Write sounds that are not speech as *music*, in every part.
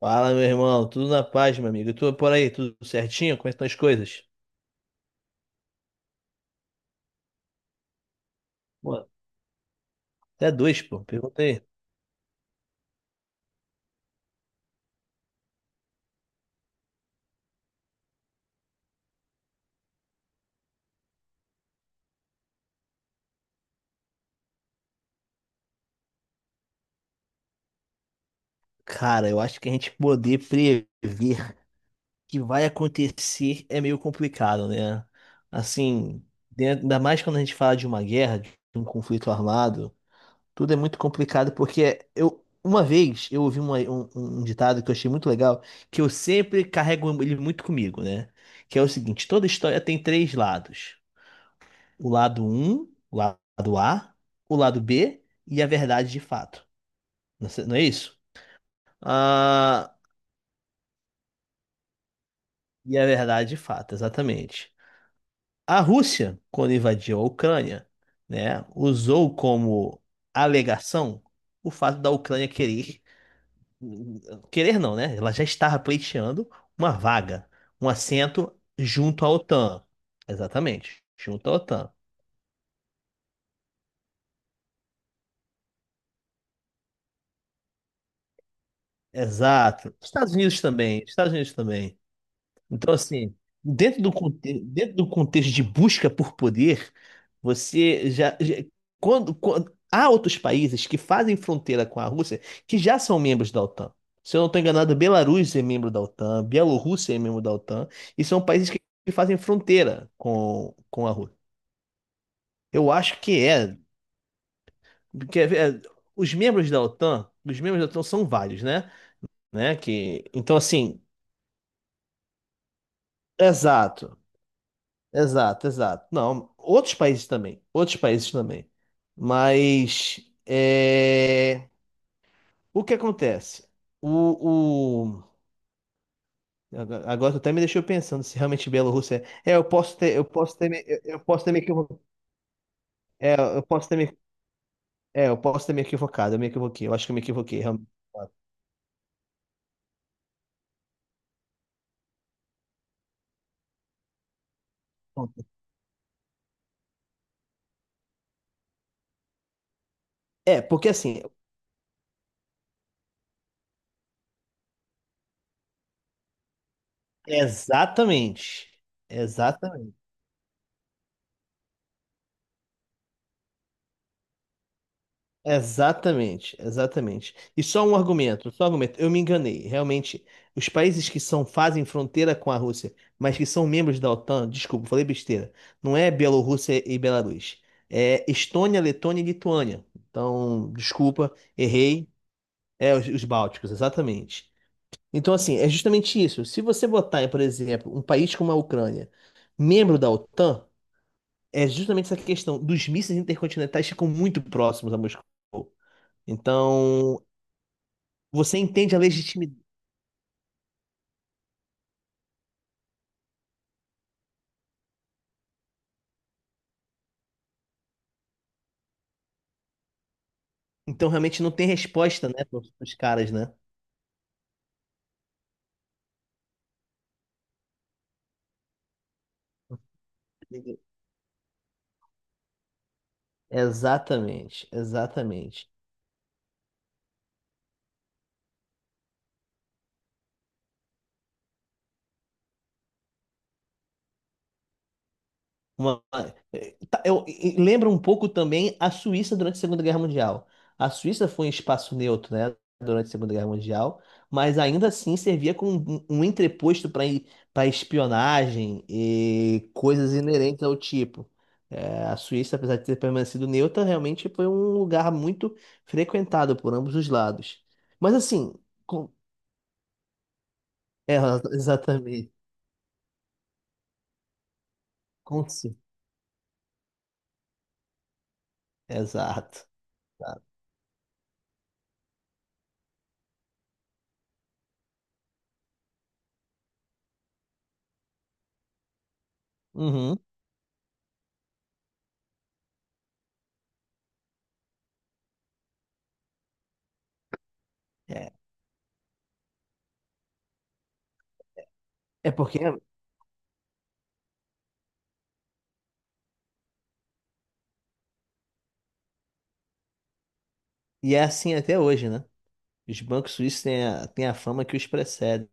Fala, meu irmão. Tudo na paz, meu amigo. E tu por aí, tudo certinho? Como é que estão as coisas? Pô, até dois, pô. Pergunta aí. Cara, eu acho que a gente poder prever o que vai acontecer é meio complicado, né? Assim, ainda mais quando a gente fala de uma guerra, de um conflito armado, tudo é muito complicado porque eu, uma vez eu ouvi um ditado que eu achei muito legal, que eu sempre carrego ele muito comigo, né? Que é o seguinte, toda história tem três lados. O lado um o lado A, o lado B e a verdade de fato. Não é isso? Ah, e a verdade de fato, exatamente. A Rússia, quando invadiu a Ucrânia, né, usou como alegação o fato da Ucrânia querer não, né? Ela já estava pleiteando uma vaga, um assento junto à OTAN. Exatamente, junto à OTAN. Exato. Estados Unidos também, Estados Unidos também. Então, assim, dentro do contexto de busca por poder, você há outros países que fazem fronteira com a Rússia que já são membros da OTAN. Se eu não estou enganado, Belarus é membro da OTAN, Bielorrússia é membro da OTAN, e são países que fazem fronteira com a Rússia. Eu acho que é, porque os membros da OTAN, os membros da OTAN são vários, né? Né? Que, então, assim, exato. Exato, exato. Não, outros países também, outros países também. Mas é, o que acontece? O, o... agora tu até me deixou pensando se realmente Bielorrússia é. É, eu posso ter, me- eu posso ter me equivocado. É, eu posso ter é, eu posso ter me equivocado, eu me equivoquei. Eu acho que eu me equivoquei, realmente. É, porque assim, exatamente, exatamente. Exatamente, exatamente. E só um argumento, só um argumento. Eu me enganei. Realmente, os países que são fazem fronteira com a Rússia, mas que são membros da OTAN, desculpa, falei besteira. Não é Bielorrússia e Belarus. É Estônia, Letônia e Lituânia. Então, desculpa, errei. É os Bálticos, exatamente. Então, assim, é justamente isso. Se você botar, por exemplo, um país como a Ucrânia, membro da OTAN, é justamente essa questão dos mísseis intercontinentais ficam muito próximos a Moscou. Então, você entende a legitimidade. Então, realmente não tem resposta, né, para os caras, né? Exatamente, exatamente. Uma, Tá, Eu, e lembra um pouco também a Suíça durante a Segunda Guerra Mundial. A Suíça foi um espaço neutro, né, durante a Segunda Guerra Mundial, mas ainda assim servia como um entreposto para para espionagem e coisas inerentes ao tipo. É, a Suíça, apesar de ter permanecido neutra, realmente foi um lugar muito frequentado por ambos os lados. Mas assim, com- é, *laughs* exatamente, exato. Exato. Tá. Uhum. É, é porque e é assim até hoje, né? Os bancos suíços têm a, têm a fama que os precedem.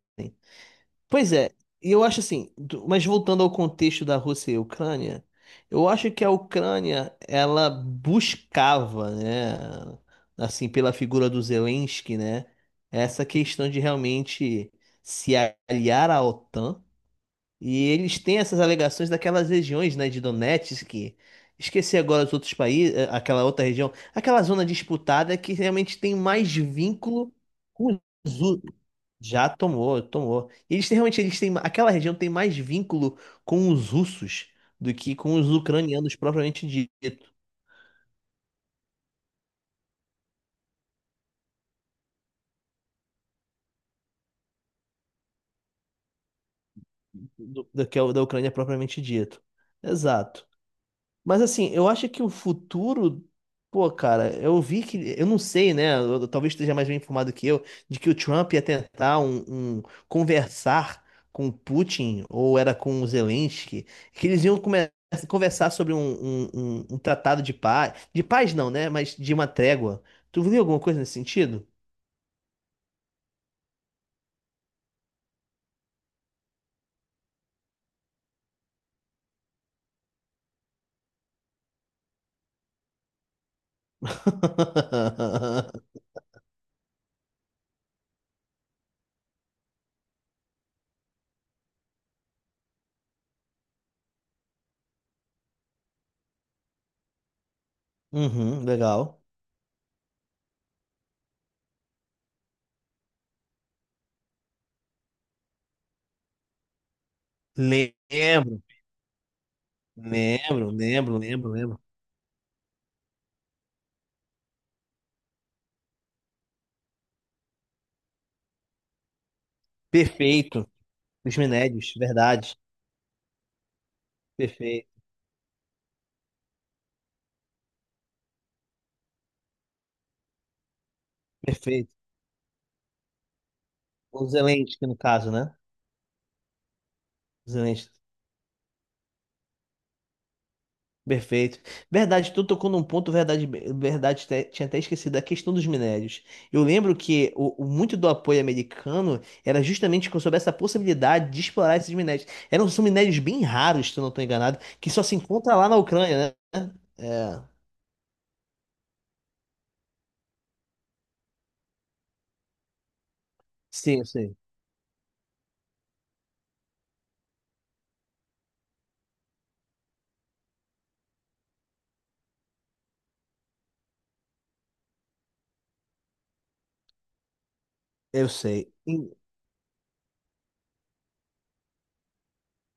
Pois é, e eu acho assim, mas voltando ao contexto da Rússia e Ucrânia, eu acho que a Ucrânia, ela buscava, né, assim, pela figura do Zelensky, né, essa questão de realmente se aliar à OTAN e eles têm essas alegações daquelas regiões, né, de Donetsk, esqueci agora os outros países, aquela outra região, aquela zona disputada que realmente tem mais vínculo com os u- Já tomou, tomou. E eles têm, realmente eles têm, aquela região tem mais vínculo com os russos do que com os ucranianos propriamente dito, do que é o da Ucrânia propriamente dito. Exato. Mas assim, eu acho que o futuro. Pô, cara, eu vi que. Eu não sei, né? Talvez esteja mais bem informado que eu, de que o Trump ia tentar conversar com o Putin, ou era com o Zelensky, que eles iam conversar sobre um tratado de paz. De paz não, né? Mas de uma trégua. Tu viu alguma coisa nesse sentido? *laughs* Uhum, legal. Lembro, lembro, lembro, lembro, lembro. Perfeito. Os minérios, verdade. Perfeito, perfeito. O Zelensky, no caso, né? Zelensky. Perfeito. Verdade, tu tocou num ponto, verdade, verdade, tinha até esquecido a questão dos minérios. Eu lembro que muito do apoio americano era justamente sobre essa possibilidade de explorar esses minérios. Eram, são minérios bem raros, se eu não estou enganado, que só se encontra lá na Ucrânia, né? É, sim, eu sei. Eu sei. Em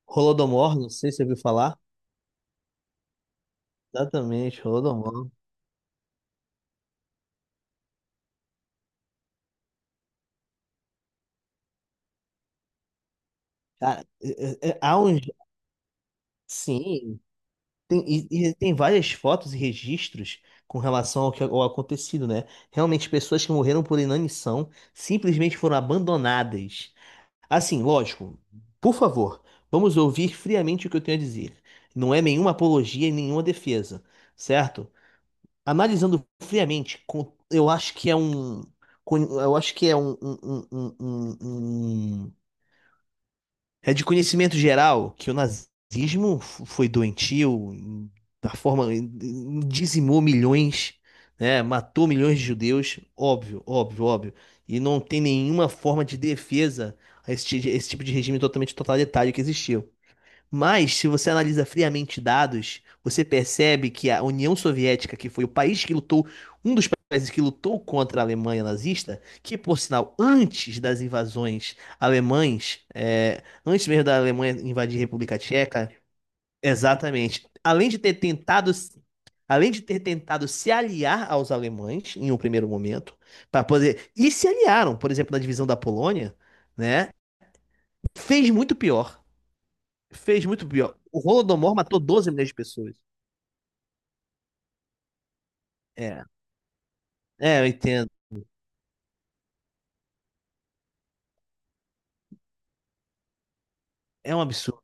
Holodomor, não sei se você ouviu falar. Exatamente, Holodomor. Cara, há uns. Sim, tem, e tem várias fotos e registros com relação ao que ao acontecido, né? Realmente, pessoas que morreram por inanição simplesmente foram abandonadas. Assim, lógico, por favor, vamos ouvir friamente o que eu tenho a dizer. Não é nenhuma apologia e nenhuma defesa, certo? Analisando friamente, eu acho que é um. Eu acho que é um é de conhecimento geral que o nazismo foi doentio, da forma dizimou milhões, né? Matou milhões de judeus, óbvio, óbvio, óbvio. E não tem nenhuma forma de defesa a esse tipo de regime totalmente totalitário que existiu. Mas, se você analisa friamente dados, você percebe que a União Soviética, que foi o país que lutou, um dos países que lutou contra a Alemanha nazista, que, por sinal, antes das invasões alemães, é, antes mesmo da Alemanha invadir a República Tcheca, exatamente, além de ter tentado, além de ter tentado se aliar aos alemães em um primeiro momento, para poder, e se aliaram, por exemplo, na divisão da Polônia, né? Fez muito pior. Fez muito pior. O Holodomor matou 12 milhões de pessoas. É, eu entendo. É um absurdo.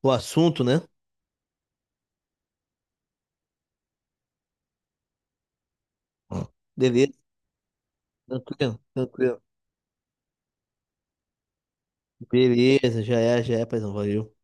O assunto, né? Beleza, tranquilo, tranquilo. Beleza, já é, paizão, valeu.